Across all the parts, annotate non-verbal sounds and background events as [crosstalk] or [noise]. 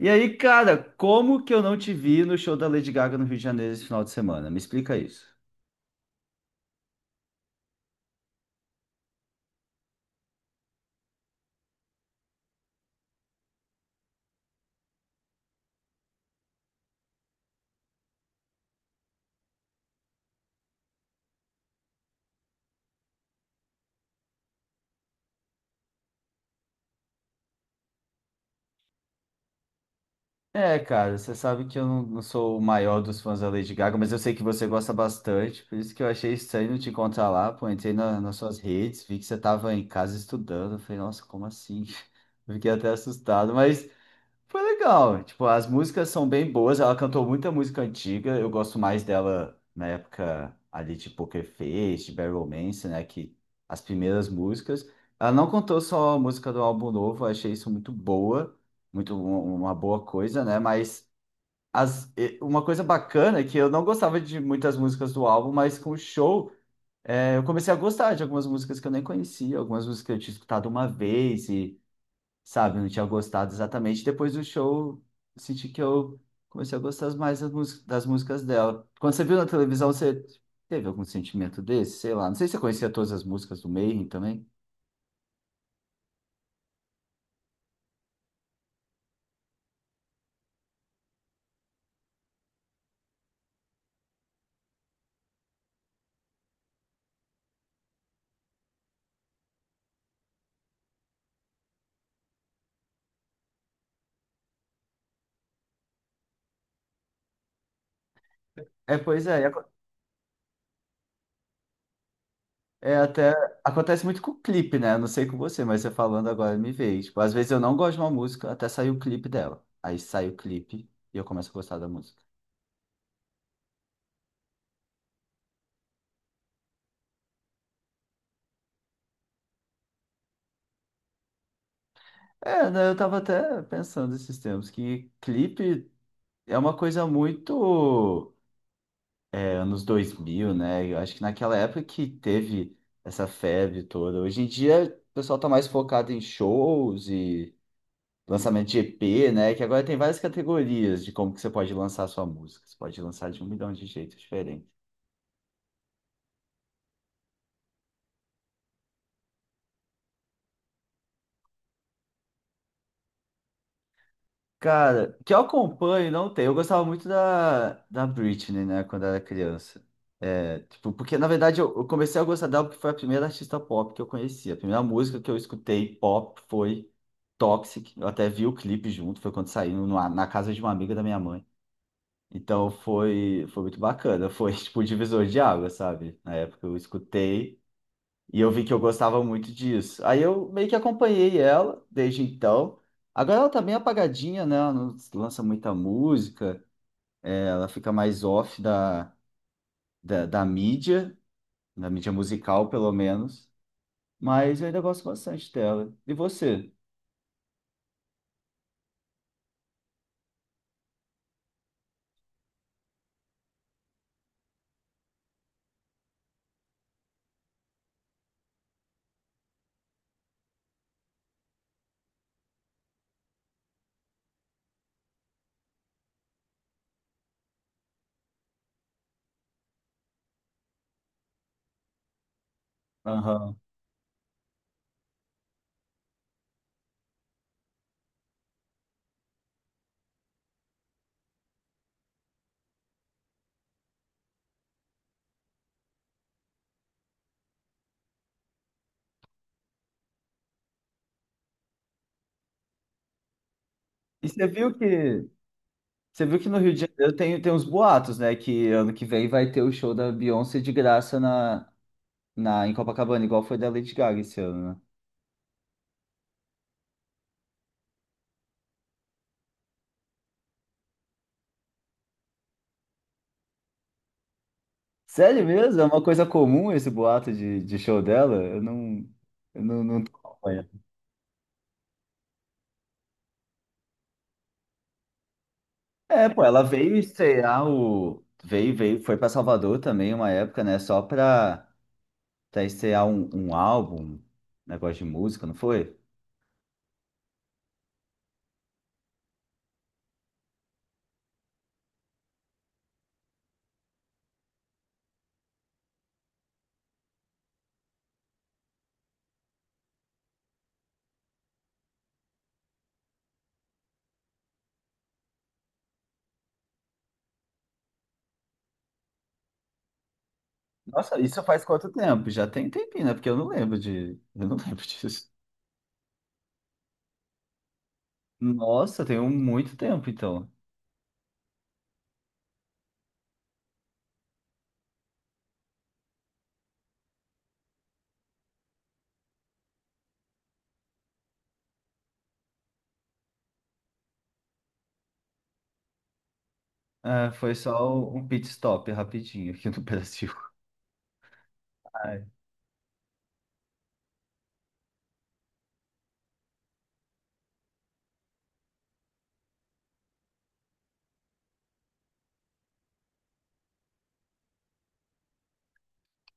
E aí, cara, como que eu não te vi no show da Lady Gaga no Rio de Janeiro esse final de semana? Me explica isso. É, cara, você sabe que eu não sou o maior dos fãs da Lady Gaga, mas eu sei que você gosta bastante, por isso que eu achei estranho te encontrar lá, pô, entrei nas suas redes, vi que você estava em casa estudando, eu falei, nossa, como assim? [laughs] Fiquei até assustado, mas foi legal. Tipo, as músicas são bem boas. Ela cantou muita música antiga. Eu gosto mais dela na época ali de Poker Face, de Barry Romance, né? Que as primeiras músicas. Ela não cantou só a música do álbum novo. Eu achei isso muito boa, muito uma boa coisa, né? Mas uma coisa bacana é que eu não gostava de muitas músicas do álbum, mas com o show eu comecei a gostar de algumas músicas que eu nem conhecia, algumas músicas que eu tinha escutado uma vez, sabe? Eu não tinha gostado exatamente. Depois do show, eu senti que eu comecei a gostar mais das músicas dela. Quando você viu na televisão, você teve algum sentimento desse? Sei lá. Não sei se você conhecia todas as músicas do Mayhem também. É, pois é. E aco- É até acontece muito com o clipe, né? Eu não sei com você, mas você falando agora me veio. Tipo, às vezes eu não gosto de uma música até sair o clipe dela. Aí sai o clipe e eu começo a gostar da música. É, né? Eu tava até pensando esses tempos que clipe é uma coisa muito anos 2000, né? Eu acho que naquela época que teve essa febre toda. Hoje em dia, o pessoal tá mais focado em shows e lançamento de EP, né? Que agora tem várias categorias de como que você pode lançar a sua música. Você pode lançar de um milhão de jeitos diferentes. Cara, que eu acompanho não tem. Eu gostava muito da Britney, né, quando era criança. É, tipo, porque na verdade eu comecei a gostar dela porque foi a primeira artista pop que eu conheci. A primeira música que eu escutei pop foi Toxic. Eu até vi o clipe junto, foi quando saiu na casa de uma amiga da minha mãe. Então foi muito bacana. Foi [laughs] tipo o divisor de água, sabe? Na época eu escutei. E eu vi que eu gostava muito disso. Aí eu meio que acompanhei ela desde então. Agora ela tá bem apagadinha, né? Ela não lança muita música, ela fica mais off da mídia, da mídia, musical, pelo menos. Mas eu ainda gosto bastante dela. E você? Aham. E você viu que no Rio de Janeiro tem uns boatos, né? Que ano que vem vai ter o show da Beyoncé de graça em Copacabana, igual foi da Lady Gaga esse ano, né? Sério mesmo? É uma coisa comum esse boato de show dela? Eu não tô acompanhando. É, pô, ela veio estrear o. Veio, foi para Salvador também uma época, né? Só pra estrear um álbum, um negócio de música, não foi? Nossa, isso faz quanto tempo? Já tem tempinho, né? Porque eu não lembro de. Eu não [laughs] lembro disso. Nossa, tem um muito tempo, então. É, foi só um pit stop rapidinho aqui no [laughs] Brasil.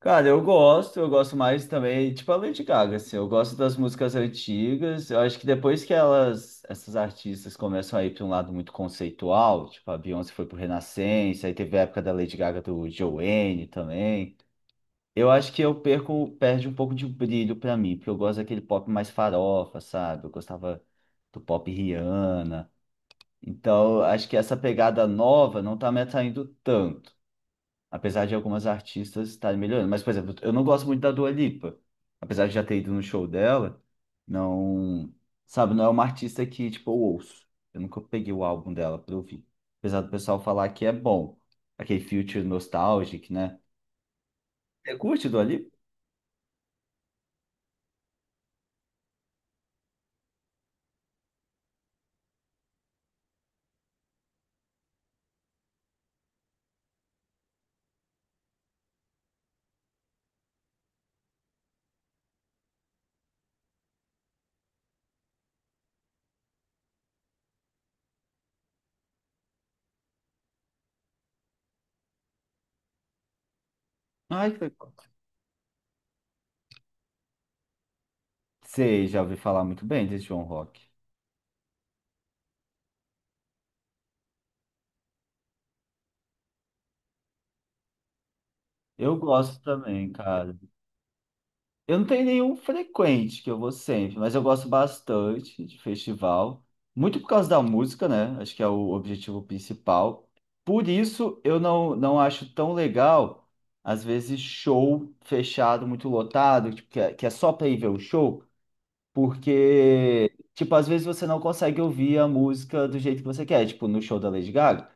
Cara, eu gosto mais também, tipo a Lady Gaga, assim, eu gosto das músicas antigas, eu acho que depois que essas artistas começam a ir para um lado muito conceitual, tipo a Beyoncé foi pro Renascença, aí teve a época da Lady Gaga do Joanne também, eu acho que eu perde um pouco de brilho para mim, porque eu gosto daquele pop mais farofa, sabe? Eu gostava do pop Rihanna, então acho que essa pegada nova não tá me atraindo tanto. Apesar de algumas artistas estarem melhorando. Mas, por exemplo, eu não gosto muito da Dua Lipa. Apesar de já ter ido no show dela, não. Sabe, não é uma artista que, tipo, eu ouço. Eu nunca peguei o álbum dela pra ouvir. Apesar do pessoal falar que é bom. Aquele Future Nostalgic, né? Você curte Dua Lipa? Ai, que legal. Sei, já ouvi falar muito bem desse João Rock. Eu gosto também, cara. Eu não tenho nenhum frequente que eu vou sempre, mas eu gosto bastante de festival, muito por causa da música, né? Acho que é o objetivo principal. Por isso eu não acho tão legal, às vezes, show fechado, muito lotado, tipo, que é só para ir ver o show, porque, tipo, às vezes você não consegue ouvir a música do jeito que você quer, tipo, no show da Lady Gaga.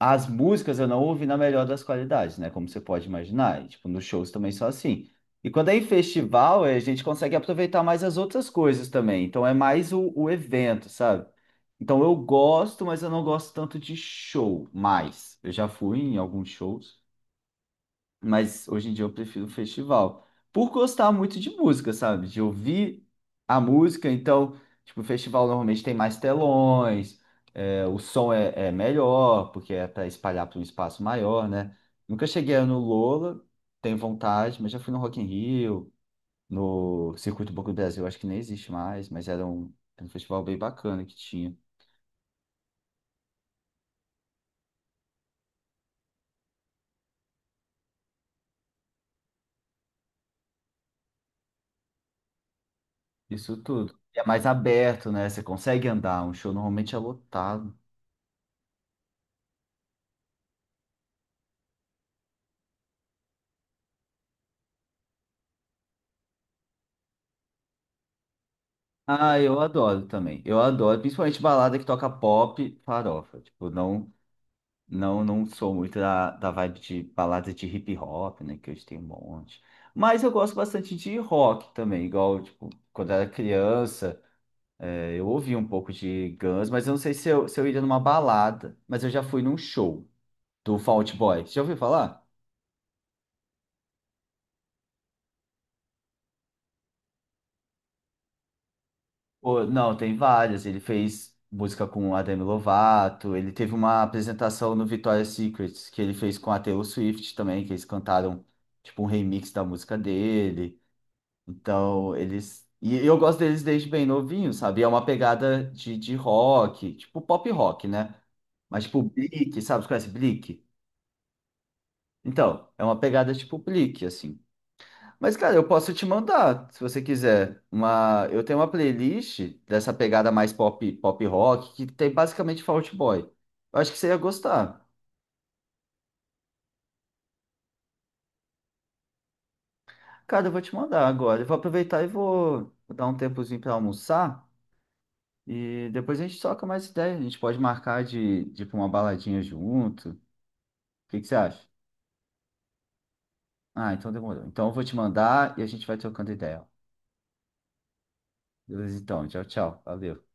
As músicas eu não ouvi na melhor das qualidades, né? Como você pode imaginar. E, tipo, nos shows também só assim. E quando é em festival, a gente consegue aproveitar mais as outras coisas também. Então é mais o evento, sabe? Então eu gosto, mas eu não gosto tanto de show mais. Eu já fui em alguns shows. Mas hoje em dia eu prefiro o festival. Por gostar muito de música, sabe? De ouvir a música. Então, tipo, o festival normalmente tem mais telões, o som é melhor, porque é para espalhar para um espaço maior, né? Nunca cheguei no Lola, tenho vontade, mas já fui no Rock in Rio, no Circuito Boca do Brasil, acho que nem existe mais, mas era um festival bem bacana que tinha. Isso tudo. É mais aberto, né? Você consegue andar, um show normalmente é lotado. Ah, eu adoro também. Eu adoro, principalmente balada que toca pop, farofa. Tipo, não sou muito da vibe de balada de hip hop, né? Que hoje tem um monte. Mas eu gosto bastante de rock também, igual, tipo, quando era criança, eu ouvia um pouco de Guns, mas eu não sei se eu iria numa balada, mas eu já fui num show do Fall Out Boy. Você já ouviu falar? Pô, não, tem várias. Ele fez música com a Demi Lovato, ele teve uma apresentação no Victoria's Secret que ele fez com a Taylor Swift também, que eles cantaram tipo um remix da música dele. Então, eles. E eu gosto deles desde bem novinho, sabe? É uma pegada de rock, tipo pop rock, né? Mas tipo Bleak, sabe? Você conhece Bleak? Então, é uma pegada tipo Bleak, assim. Mas, cara, eu posso te mandar, se você quiser, uma. Eu tenho uma playlist dessa pegada mais pop, pop rock, que tem basicamente Fault Boy. Eu acho que você ia gostar. Cara, eu vou te mandar agora. Eu vou aproveitar e vou dar um tempozinho pra almoçar. E depois a gente troca mais ideia. A gente pode marcar de ir pra uma baladinha junto. O que que você acha? Ah, então demorou. Então eu vou te mandar e a gente vai trocando ideia. Beleza, então. Tchau, tchau. Valeu.